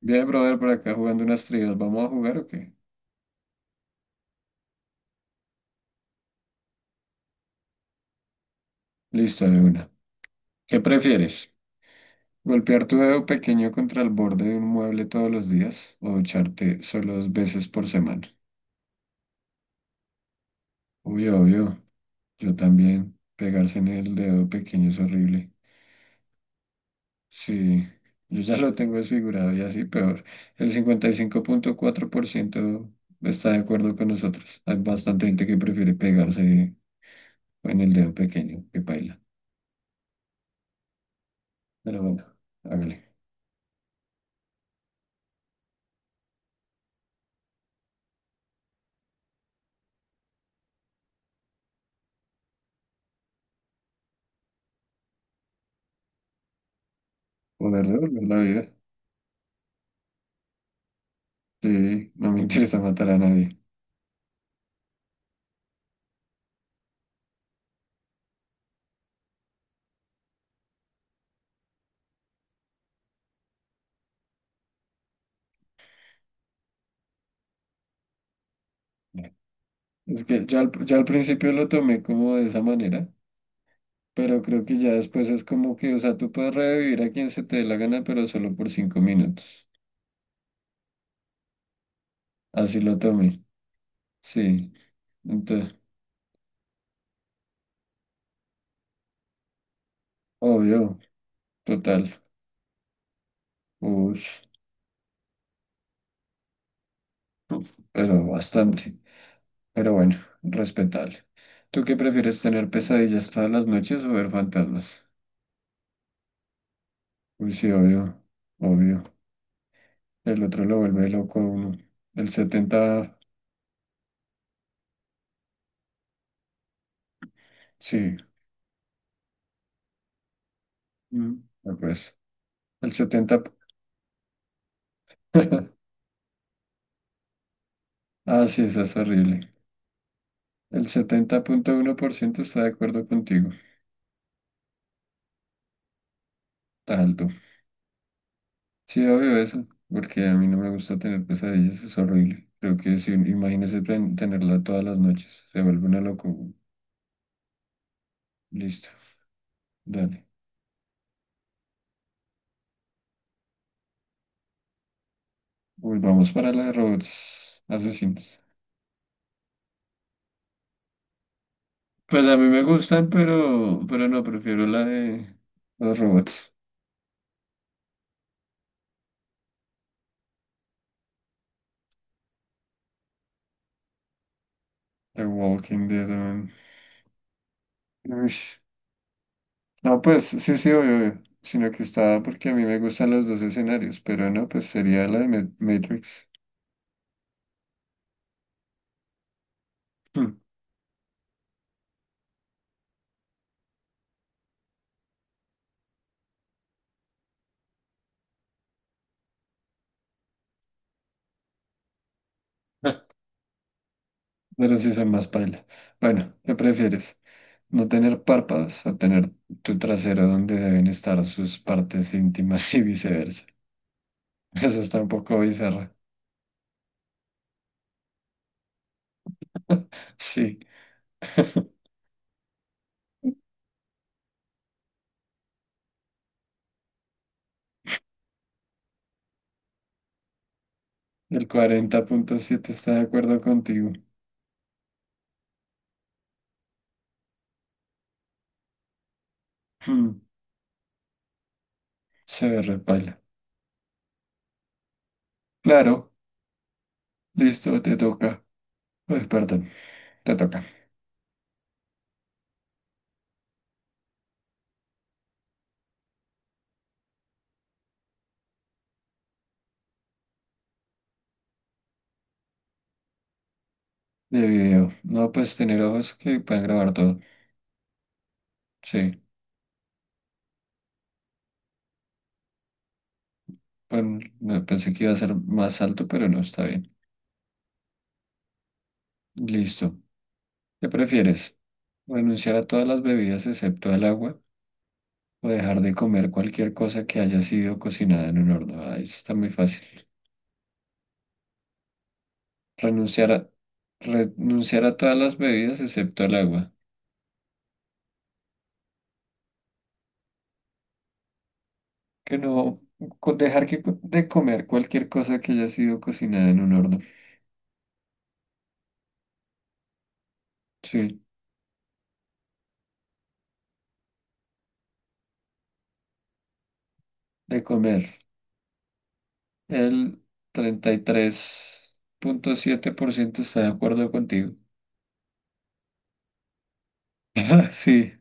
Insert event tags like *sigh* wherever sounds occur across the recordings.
Bien, brother, por acá jugando unas trivias. ¿Vamos a jugar o qué? Listo, de una. ¿Qué prefieres? ¿Golpear tu dedo pequeño contra el borde de un mueble todos los días o ducharte solo dos veces por semana? Uy, obvio. Yo también. Pegarse en el dedo pequeño es horrible. Sí, yo ya lo tengo desfigurado y así peor. El 55,4% está de acuerdo con nosotros. Hay bastante gente que prefiere pegarse en el dedo pequeño que paila. Pero bueno, hágale. Poder devolver la vida. Sí, no me interesa matar a nadie. Es que yo al principio lo tomé como de esa manera, pero creo que ya después es como que, o sea, tú puedes revivir a quien se te dé la gana, pero solo por 5 minutos. Así lo tomé. Sí, entonces, obvio, total. Ush, uf, pero bastante. Pero bueno, respetable. ¿Tú qué prefieres tener pesadillas todas las noches o ver fantasmas? Uy, sí, obvio, obvio. El otro lo vuelve loco a uno. El 70 sí. Mm. El 70 p- *laughs* Ah, sí, eso es horrible. El 70,1% está de acuerdo contigo. Está alto. Sí, obvio eso, porque a mí no me gusta tener pesadillas, es horrible. Creo que si imagínese tenerla todas las noches, se vuelve una loco. Listo, dale. Volvamos para la de robots asesinos. Pues a mí me gustan, pero no, prefiero la de los robots. The Walking Dead. Uish. No, pues sí, sí, obvio, obvio, sino que estaba porque a mí me gustan los dos escenarios, pero no, pues sería la de Matrix. Hmm. *laughs* Pero sí son más paila. Bueno, ¿qué prefieres? ¿No tener párpados o tener tu trasero donde deben estar sus partes íntimas y viceversa? *laughs* Eso está un poco bizarra. Sí, el 40,7 está de acuerdo contigo. Hmm. Se ve re paila. Claro, listo, te toca. Ay, perdón, te toca. De video. No, pues tener ojos que puedan grabar todo. Sí. Bueno, no, pensé que iba a ser más alto, pero no, está bien. Listo. ¿Qué prefieres? ¿Renunciar a todas las bebidas excepto al agua o dejar de comer cualquier cosa que haya sido cocinada en un horno? Ah, eso está muy fácil. Renunciar a, renunciar a todas las bebidas excepto al agua. Que no, dejar de comer cualquier cosa que haya sido cocinada en un horno. Sí, de comer. El 33,7% está de acuerdo contigo. *laughs* Ah, sí,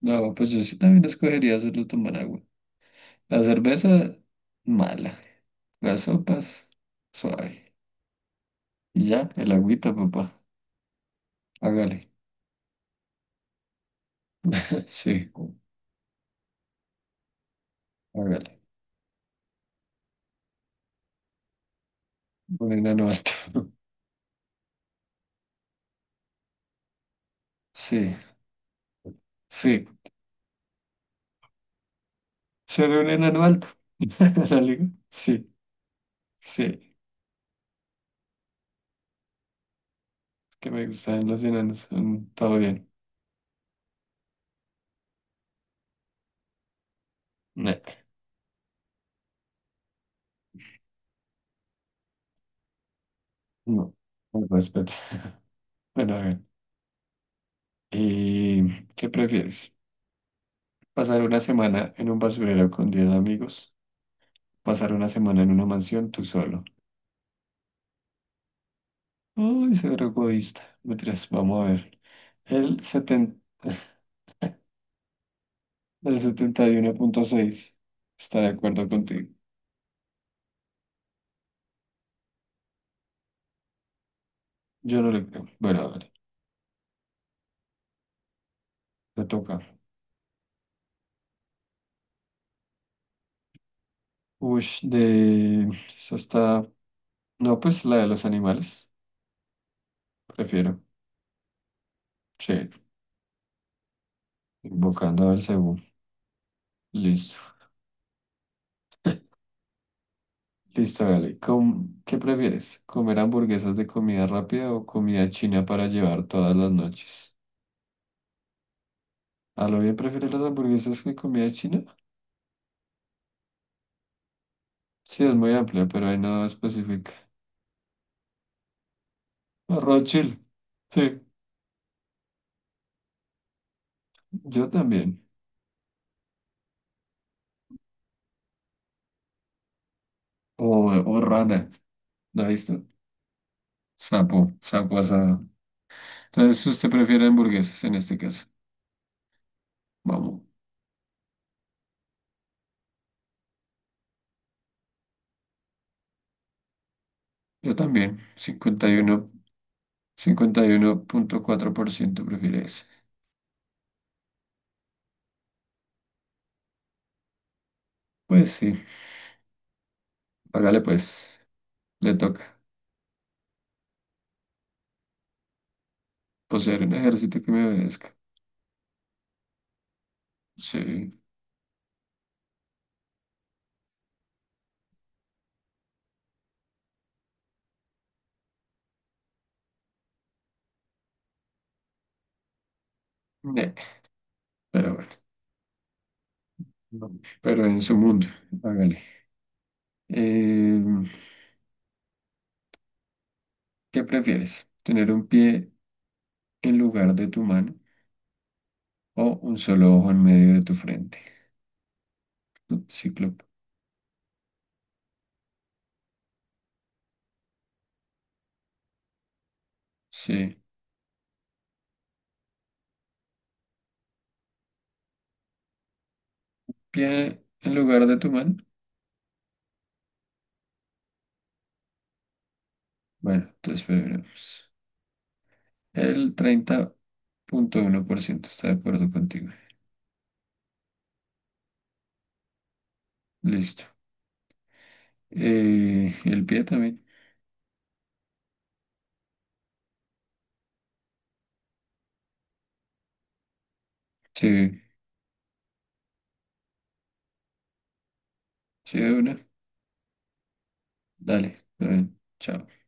no, pues yo sí también escogería solo tomar agua. La cerveza, mala. Las sopas, suave. Y ya, el agüita, papá. Hágale. *laughs* Sí, hágale. Un enano alto. *laughs* Sí, sí. Ser un enano alto. *laughs* ¿Sale? Sí, sí. Que me gustan los enanos. Todo bien. No, no. Con respeto. *laughs* Bueno, hágale. ¿Y qué prefieres? ¿Pasar una semana en un basurero con 10 amigos? ¿Pasar una semana en una mansión tú solo? Ay, ser egoísta. Mentiras, vamos a ver. El 70, *laughs* el 71,6 está de acuerdo contigo. Yo no le creo. Bueno, a ver, le toca. Uy. Esa está. No, pues la de los animales. Prefiero. Sí, invocando al cebú. Listo. Listo, dale. ¿Qué prefieres? ¿Comer hamburguesas de comida rápida o comida china para llevar todas las noches? A lo bien prefieres las hamburguesas que comida china. Sí, es muy amplia, pero ahí no especifica. Arroz chile. Sí, yo también. O, o rana. ¿La ha visto? Sapo, sapo asado. Entonces, ¿usted prefiere hamburguesas en este caso? Vamos. Yo también. 51,4% prefiere ese. Pues sí, hágale pues. Le toca. Poseer un ejército que me obedezca. Sí, ne, pero bueno, no. Pero en su mundo, hágale. Eh, ¿Qué prefieres? ¿Tener un pie en lugar de tu mano o un solo ojo en medio de tu frente? No, Cíclope. Sí, pie en lugar de tu mano. Bueno, entonces veremos. El 30,1% está de acuerdo contigo. Listo. El pie también. Sí, sí, de una. Dale, está bien. Chao.